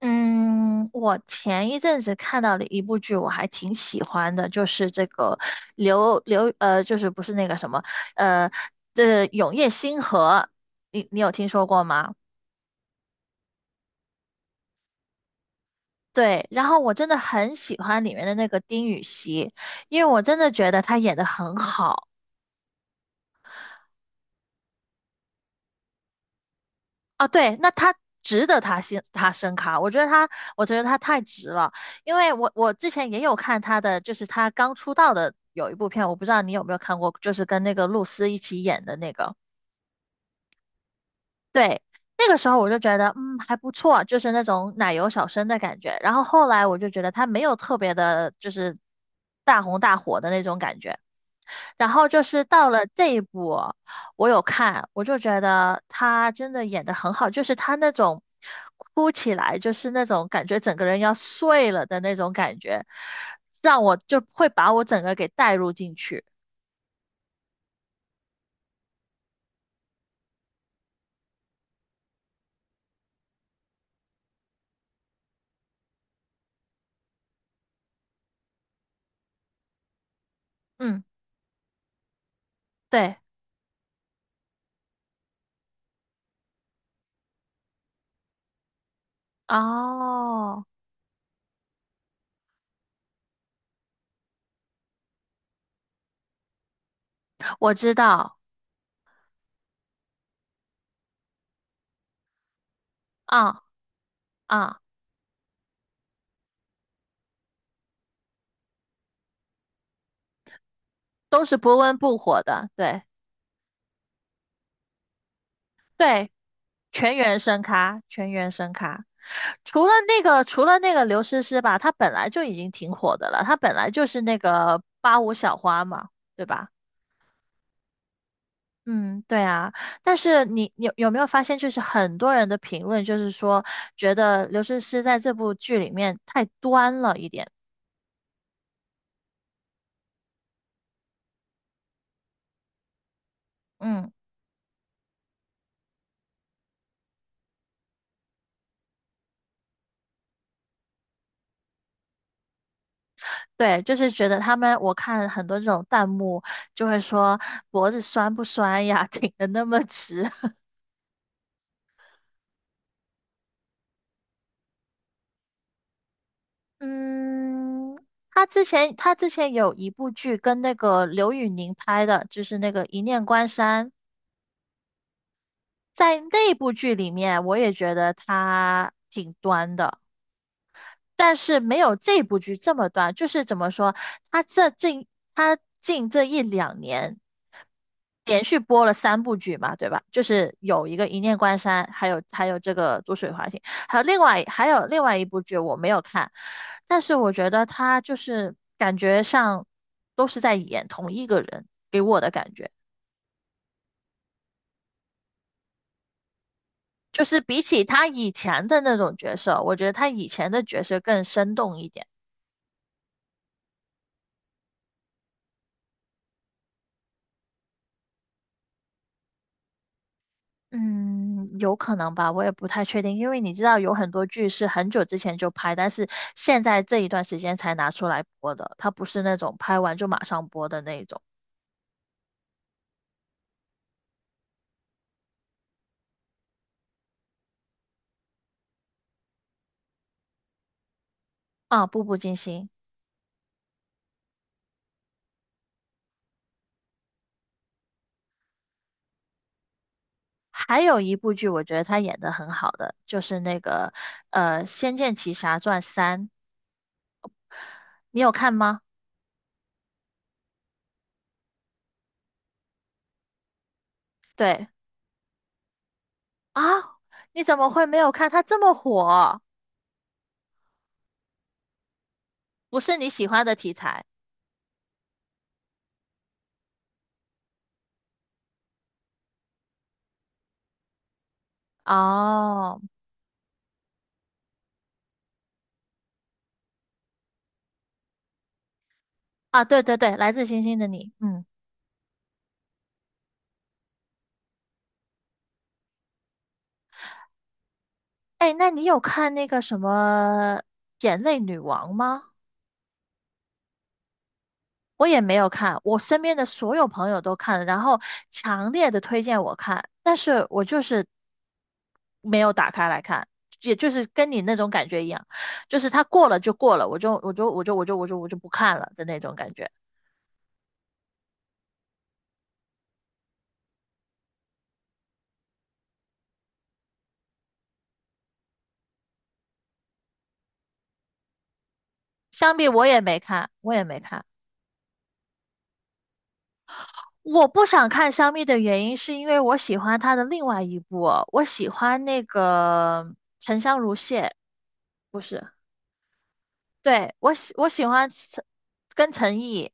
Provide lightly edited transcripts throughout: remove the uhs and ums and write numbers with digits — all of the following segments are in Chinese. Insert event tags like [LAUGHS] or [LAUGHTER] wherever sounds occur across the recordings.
嗯，我前一阵子看到的一部剧，我还挺喜欢的，就是这个刘刘呃，就是不是那个什么呃，这《永夜星河》，你有听说过吗？对，然后我真的很喜欢里面的那个丁禹兮，因为我真的觉得他演的很好。啊，对，那他值得他先他升卡，我觉得他，我觉得他太值了，因为我之前也有看他的，就是他刚出道的有一部片，我不知道你有没有看过，就是跟那个露丝一起演的那个，对，那个时候我就觉得还不错，就是那种奶油小生的感觉，然后后来我就觉得他没有特别的，就是大红大火的那种感觉，然后就是到了这一步，我有看，我就觉得他真的演的很好，就是他那种哭起来，就是那种感觉整个人要碎了的那种感觉，让我就会把我整个给带入进去。嗯，对，哦，我知道，啊啊，都是不温不火的，对。对，全员声咖，全员声咖。除了那个，除了那个刘诗诗吧，她本来就已经挺火的了，她本来就是那个八五小花嘛，对吧？嗯，对啊。但是你有没有发现，就是很多人的评论就是说，觉得刘诗诗在这部剧里面太端了一点。嗯，对，就是觉得他们，我看很多这种弹幕就会说脖子酸不酸呀，[LAUGHS] 挺的那么直。嗯，他之前有一部剧跟那个刘宇宁拍的，就是那个《一念关山》。在那部剧里面，我也觉得他挺端的，但是没有这部剧这么端。就是怎么说，他这近他近这一两年。连续播了三部剧嘛，对吧？就是有一个《一念关山》，还有这个《逐水华行》，还有另外一部剧我没有看，但是我觉得他就是感觉上都是在演同一个人，给我的感觉就是比起他以前的那种角色，我觉得他以前的角色更生动一点。嗯，有可能吧，我也不太确定，因为你知道有很多剧是很久之前就拍，但是现在这一段时间才拿出来播的，它不是那种拍完就马上播的那一种。啊，《步步惊心》，还有一部剧我觉得他演的很好的，就是那个《仙剑奇侠传三》，你有看吗？对啊，你怎么会没有看？它这么火，不是你喜欢的题材哦。啊，对对对，来自星星的你，嗯。哎，那你有看那个什么《眼泪女王》吗？我也没有看，我身边的所有朋友都看了，然后强烈的推荐我看，但是我就是没有打开来看，也就是跟你那种感觉一样，就是它过了就过了，我就不看了的那种感觉。香蜜我也没看，我也没看。我不想看香蜜的原因是因为我喜欢她的另外一部，我喜欢那个《沉香如屑》，不是。对，我喜欢跟陈毅，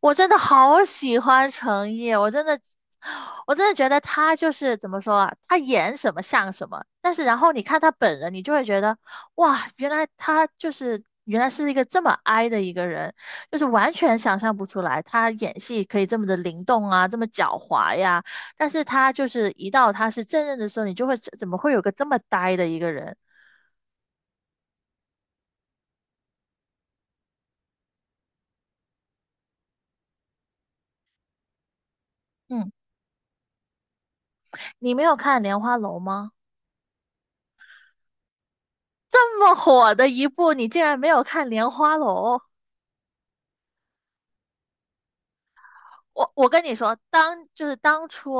我真的好喜欢陈毅，我真的，我真的觉得他就是怎么说啊，他演什么像什么，但是然后你看他本人，你就会觉得，哇，原来是一个这么 i 的一个人，就是完全想象不出来他演戏可以这么的灵动啊，这么狡猾呀，但是他就是一到他是正人的时候，你就会怎么会有个这么呆的一个人？嗯，你没有看《莲花楼》吗？这么火的一部，你竟然没有看《莲花楼》？我跟你说，当就是当初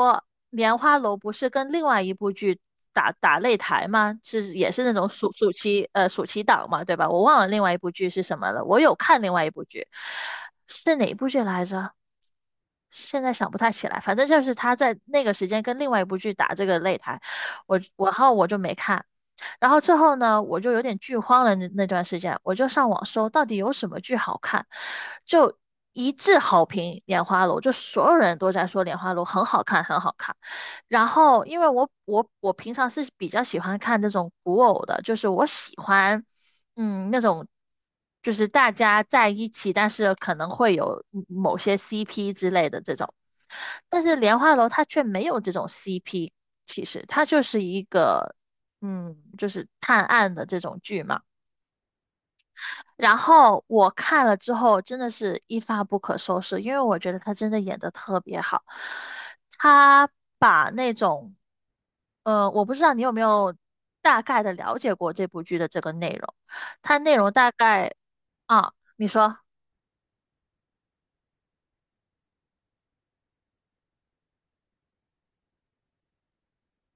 《莲花楼》不是跟另外一部剧打擂台吗？是也是那种暑期档嘛，对吧？我忘了另外一部剧是什么了。我有看另外一部剧，是哪一部剧来着？现在想不太起来，反正就是他在那个时间跟另外一部剧打这个擂台，然后我就没看。然后之后呢，我就有点剧荒了那段时间，我就上网搜到底有什么剧好看，就一致好评《莲花楼》，就所有人都在说《莲花楼》很好看，很好看。然后因为我平常是比较喜欢看这种古偶的，就是我喜欢那种。就是大家在一起，但是可能会有某些 CP 之类的这种，但是莲花楼它却没有这种 CP，其实它就是一个就是探案的这种剧嘛。然后我看了之后，真的是一发不可收拾，因为我觉得他真的演的特别好。他把那种，我不知道你有没有大概的了解过这部剧的这个内容。它内容大概啊，你说，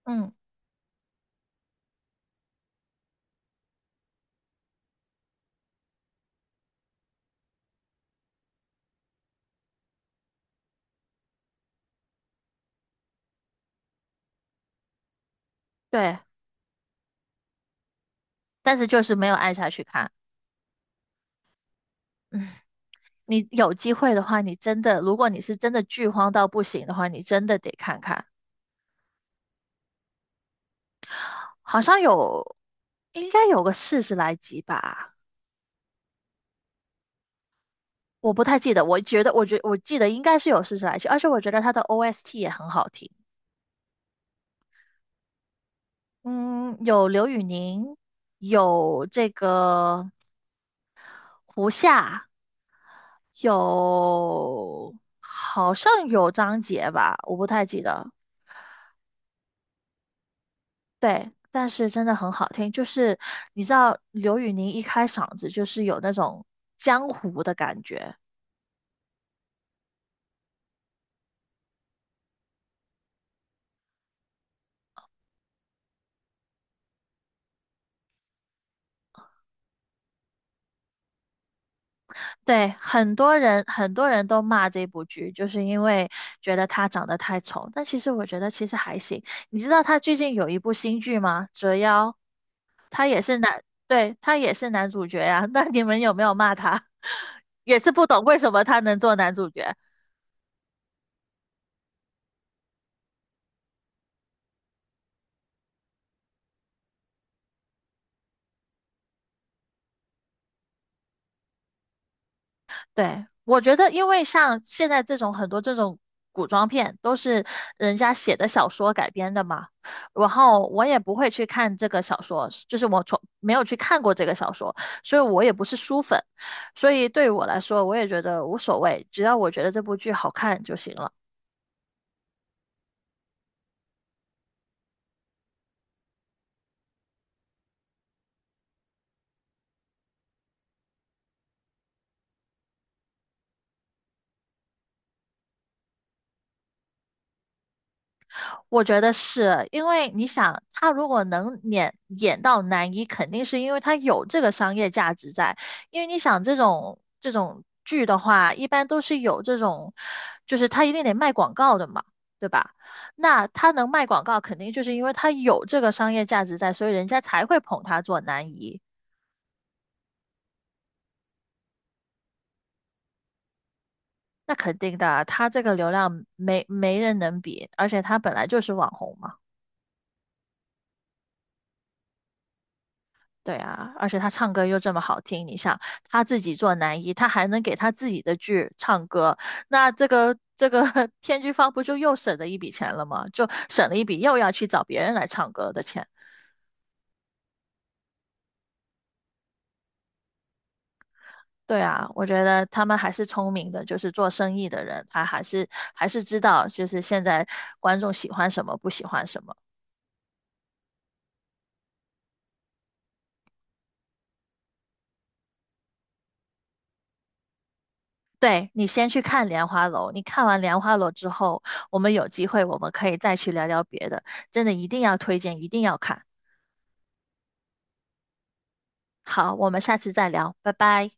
嗯，对，但是就是没有按下去看。嗯，你有机会的话，你真的，如果你是真的剧荒到不行的话，你真的得看看。好像有，应该有个四十来集吧，我不太记得。我觉得，我记得应该是有四十来集，而且我觉得它的 OST 也很好听。嗯，有刘宇宁，有这个胡夏，有好像有张杰吧，我不太记得。对，但是真的很好听，就是你知道刘宇宁一开嗓子就是有那种江湖的感觉。对，很多人都骂这部剧，就是因为觉得他长得太丑。但其实我觉得其实还行。你知道他最近有一部新剧吗？《折腰》，他也是男，对，他也是男主角呀、[LAUGHS] 那你们有没有骂他？[LAUGHS] 也是不懂为什么他能做男主角。对，我觉得，因为像现在这种很多这种古装片都是人家写的小说改编的嘛，然后我也不会去看这个小说，就是我从没有去看过这个小说，所以我也不是书粉，所以对于我来说，我也觉得无所谓，只要我觉得这部剧好看就行了。我觉得是因为你想，他如果能演到男一，肯定是因为他有这个商业价值在。因为你想这种剧的话，一般都是有这种，就是他一定得卖广告的嘛，对吧？那他能卖广告，肯定就是因为他有这个商业价值在，所以人家才会捧他做男一。那肯定的，他这个流量没人能比，而且他本来就是网红嘛。对啊，而且他唱歌又这么好听，你想他自己做男一，他还能给他自己的剧唱歌，那这个 [LAUGHS] 编剧方不就又省了一笔钱了吗？就省了一笔又要去找别人来唱歌的钱。对啊，我觉得他们还是聪明的，就是做生意的人，他还是知道，就是现在观众喜欢什么，不喜欢什么。对，你先去看《莲花楼》，你看完《莲花楼》之后，我们有机会我们可以再去聊聊别的，真的一定要推荐，一定要看。好，我们下次再聊，拜拜。